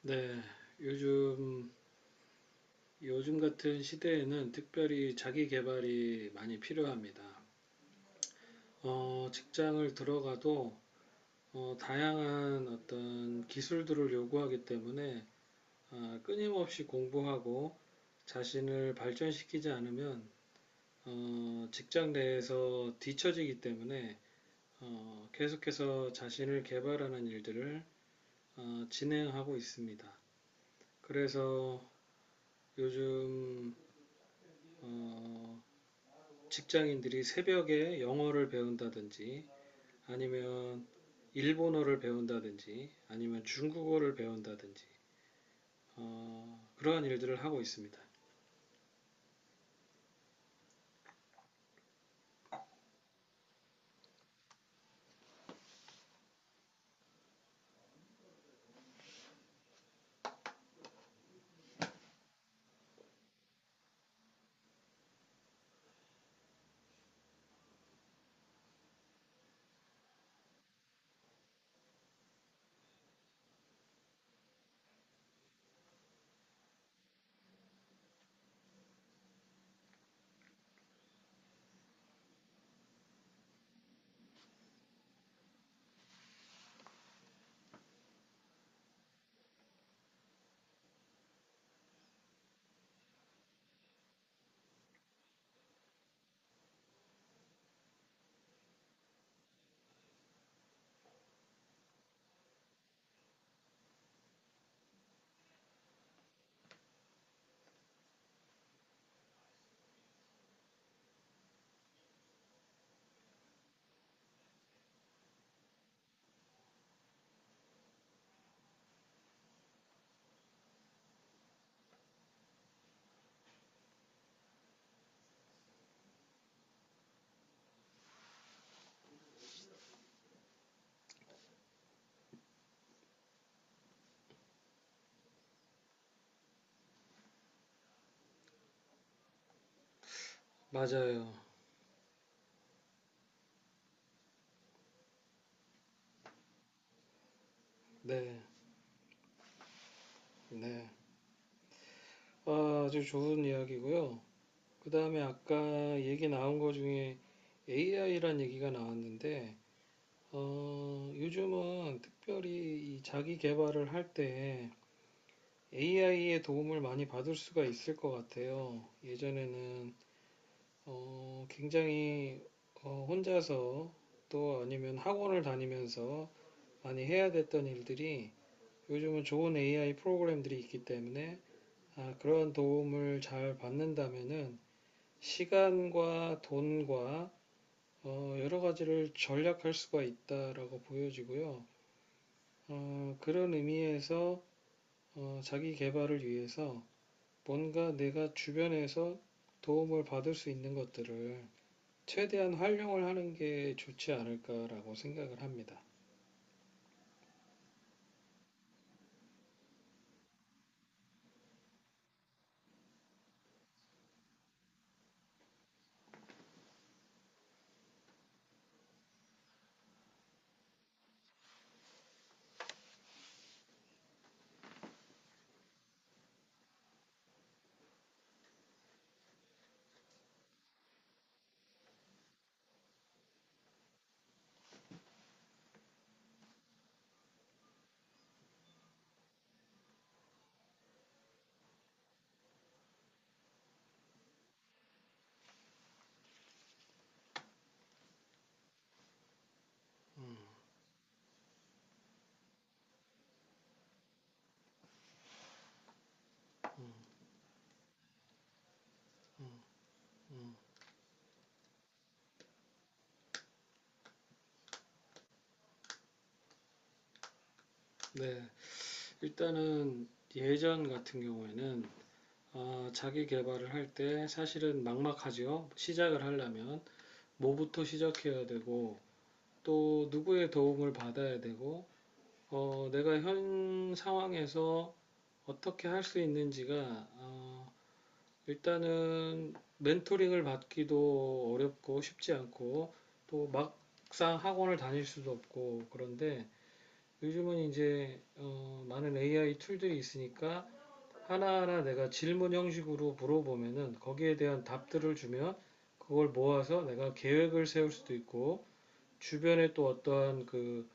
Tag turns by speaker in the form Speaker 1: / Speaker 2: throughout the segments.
Speaker 1: 네, 요즘, 요즘 같은 시대에는 특별히 자기 개발이 많이 필요합니다. 직장을 들어가도 다양한 어떤 기술들을 요구하기 때문에 끊임없이 공부하고 자신을 발전시키지 않으면 직장 내에서 뒤처지기 때문에 계속해서 자신을 개발하는 일들을 진행하고 있습니다. 그래서 요즘 어, 직장인들이 새벽에 영어를 배운다든지 아니면 일본어를 배운다든지 아니면 중국어를 배운다든지 그러한 일들을 하고 있습니다. 맞아요. 네, 네. 주 좋은 이야기고요. 그 다음에 아까 얘기 나온 거 중에 AI란 얘기가 나왔는데 요즘은 특별히 이 자기 개발을 할 때 AI의 도움을 많이 받을 수가 있을 것 같아요. 예전에는 굉장히 혼자서 또 아니면 학원을 다니면서 많이 해야 됐던 일들이 요즘은 좋은 AI 프로그램들이 있기 때문에 그런 도움을 잘 받는다면은 시간과 돈과 여러 가지를 절약할 수가 있다라고 보여지고요. 그런 의미에서 자기 개발을 위해서 뭔가 내가 주변에서 도움을 받을 수 있는 것들을 최대한 활용을 하는 게 좋지 않을까라고 생각을 합니다. 네, 일단은 예전 같은 경우에는 자기 개발을 할 때 사실은 막막하죠. 시작을 하려면 뭐부터 시작해야 되고 또 누구의 도움을 받아야 되고 내가 현 상황에서 어떻게 할 수 있는지가 어, 일단은 멘토링을 받기도 어렵고 쉽지 않고 또 막상 학원을 다닐 수도 없고 그런데 요즘은 이제 많은 AI 툴들이 있으니까 하나하나 내가 질문 형식으로 물어보면은 거기에 대한 답들을 주면 그걸 모아서 내가 계획을 세울 수도 있고 주변에 또 어떠한 그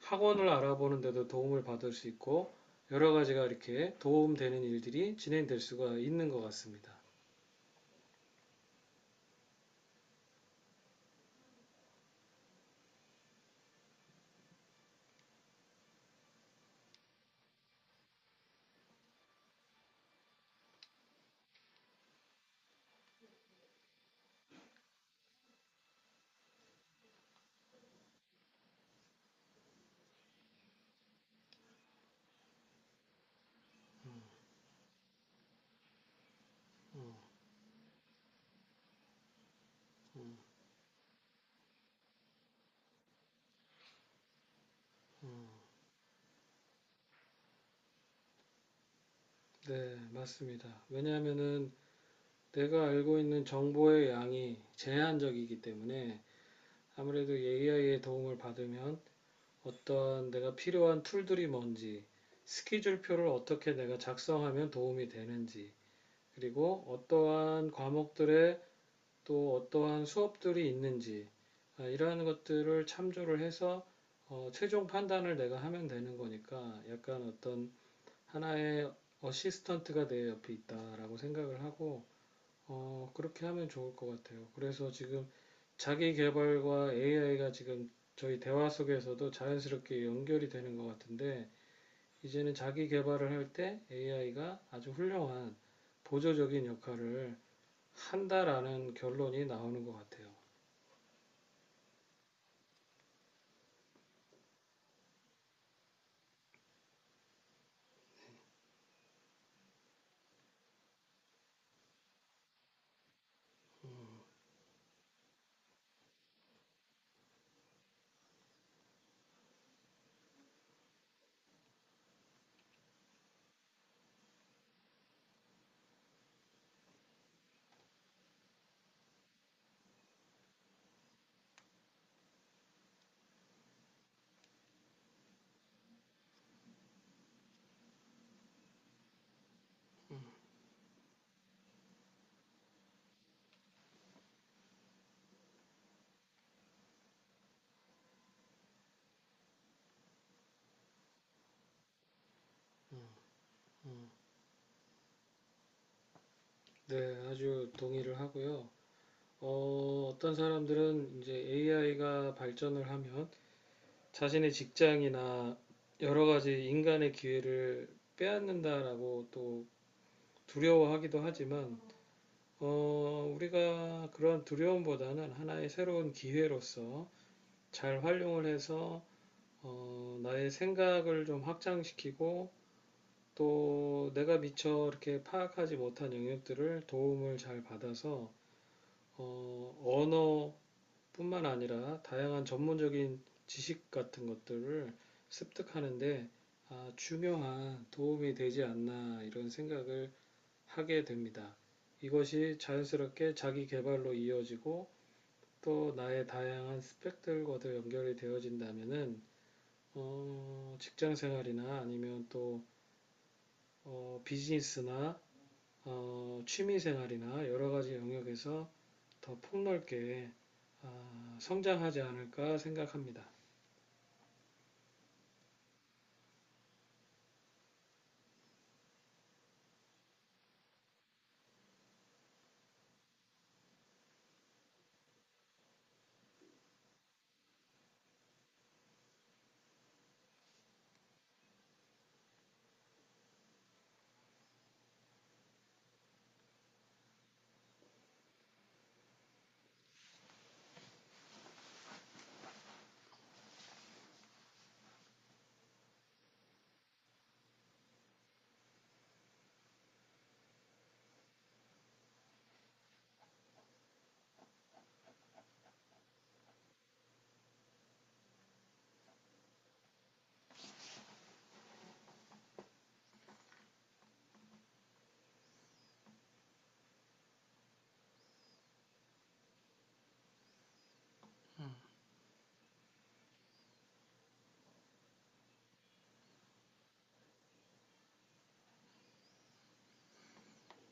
Speaker 1: 학원을 알아보는 데도 도움을 받을 수 있고 여러 가지가 이렇게 도움되는 일들이 진행될 수가 있는 것 같습니다. 네, 맞습니다. 왜냐하면은 내가 알고 있는 정보의 양이 제한적이기 때문에 아무래도 AI의 도움을 받으면 어떤 내가 필요한 툴들이 뭔지, 스케줄표를 어떻게 내가 작성하면 도움이 되는지, 그리고 어떠한 과목들에 또 어떠한 수업들이 있는지, 이러한 것들을 참조를 해서 최종 판단을 내가 하면 되는 거니까 약간 어떤 하나의 어시스턴트가 내 옆에 있다라고 생각을 하고 그렇게 하면 좋을 것 같아요. 그래서 지금 자기 개발과 AI가 지금 저희 대화 속에서도 자연스럽게 연결이 되는 것 같은데 이제는 자기 개발을 할 때 AI가 아주 훌륭한 보조적인 역할을 한다라는 결론이 나오는 것 같아요. 음, 네, 아주 동의를 하고요. 어떤 사람들은 이제 AI가 발전을 하면 자신의 직장이나 여러 가지 인간의 기회를 빼앗는다라고 또 두려워하기도 하지만, 우리가 그런 두려움보다는 하나의 새로운 기회로서 잘 활용을 해서, 나의 생각을 좀 확장시키고, 또 내가 미처 이렇게 파악하지 못한 영역들을 도움을 잘 받아서, 언어 뿐만 아니라 다양한 전문적인 지식 같은 것들을 습득하는 데 중요한 도움이 되지 않나 이런 생각을 하게 됩니다. 이것이 자연스럽게 자기 개발로 이어지고 또 나의 다양한 스펙들과도 연결이 되어진다면은 직장 생활이나 아니면 또 비즈니스나 취미 생활이나 여러 가지 영역에서 더 폭넓게 어, 성장하지 않을까 생각합니다.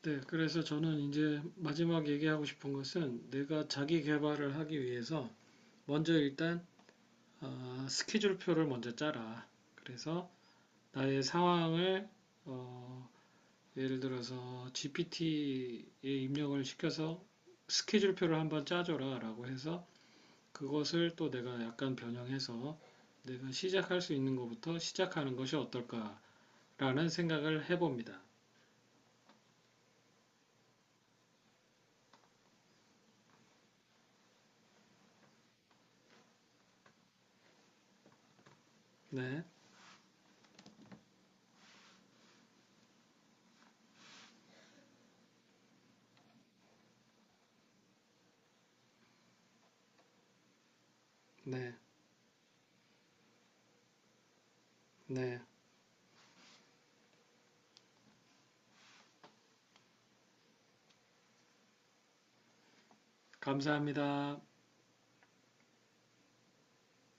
Speaker 1: 네, 그래서 저는 이제 마지막 얘기하고 싶은 것은 내가 자기 개발을 하기 위해서 먼저 일단 스케줄표를 먼저 짜라. 그래서 나의 상황을 어, 예를 들어서 GPT에 입력을 시켜서 스케줄표를 한번 짜줘라라고 해서 그것을 또 내가 약간 변형해서 내가 시작할 수 있는 것부터 시작하는 것이 어떨까라는 생각을 해봅니다. 네, 네, 네. 감사합니다.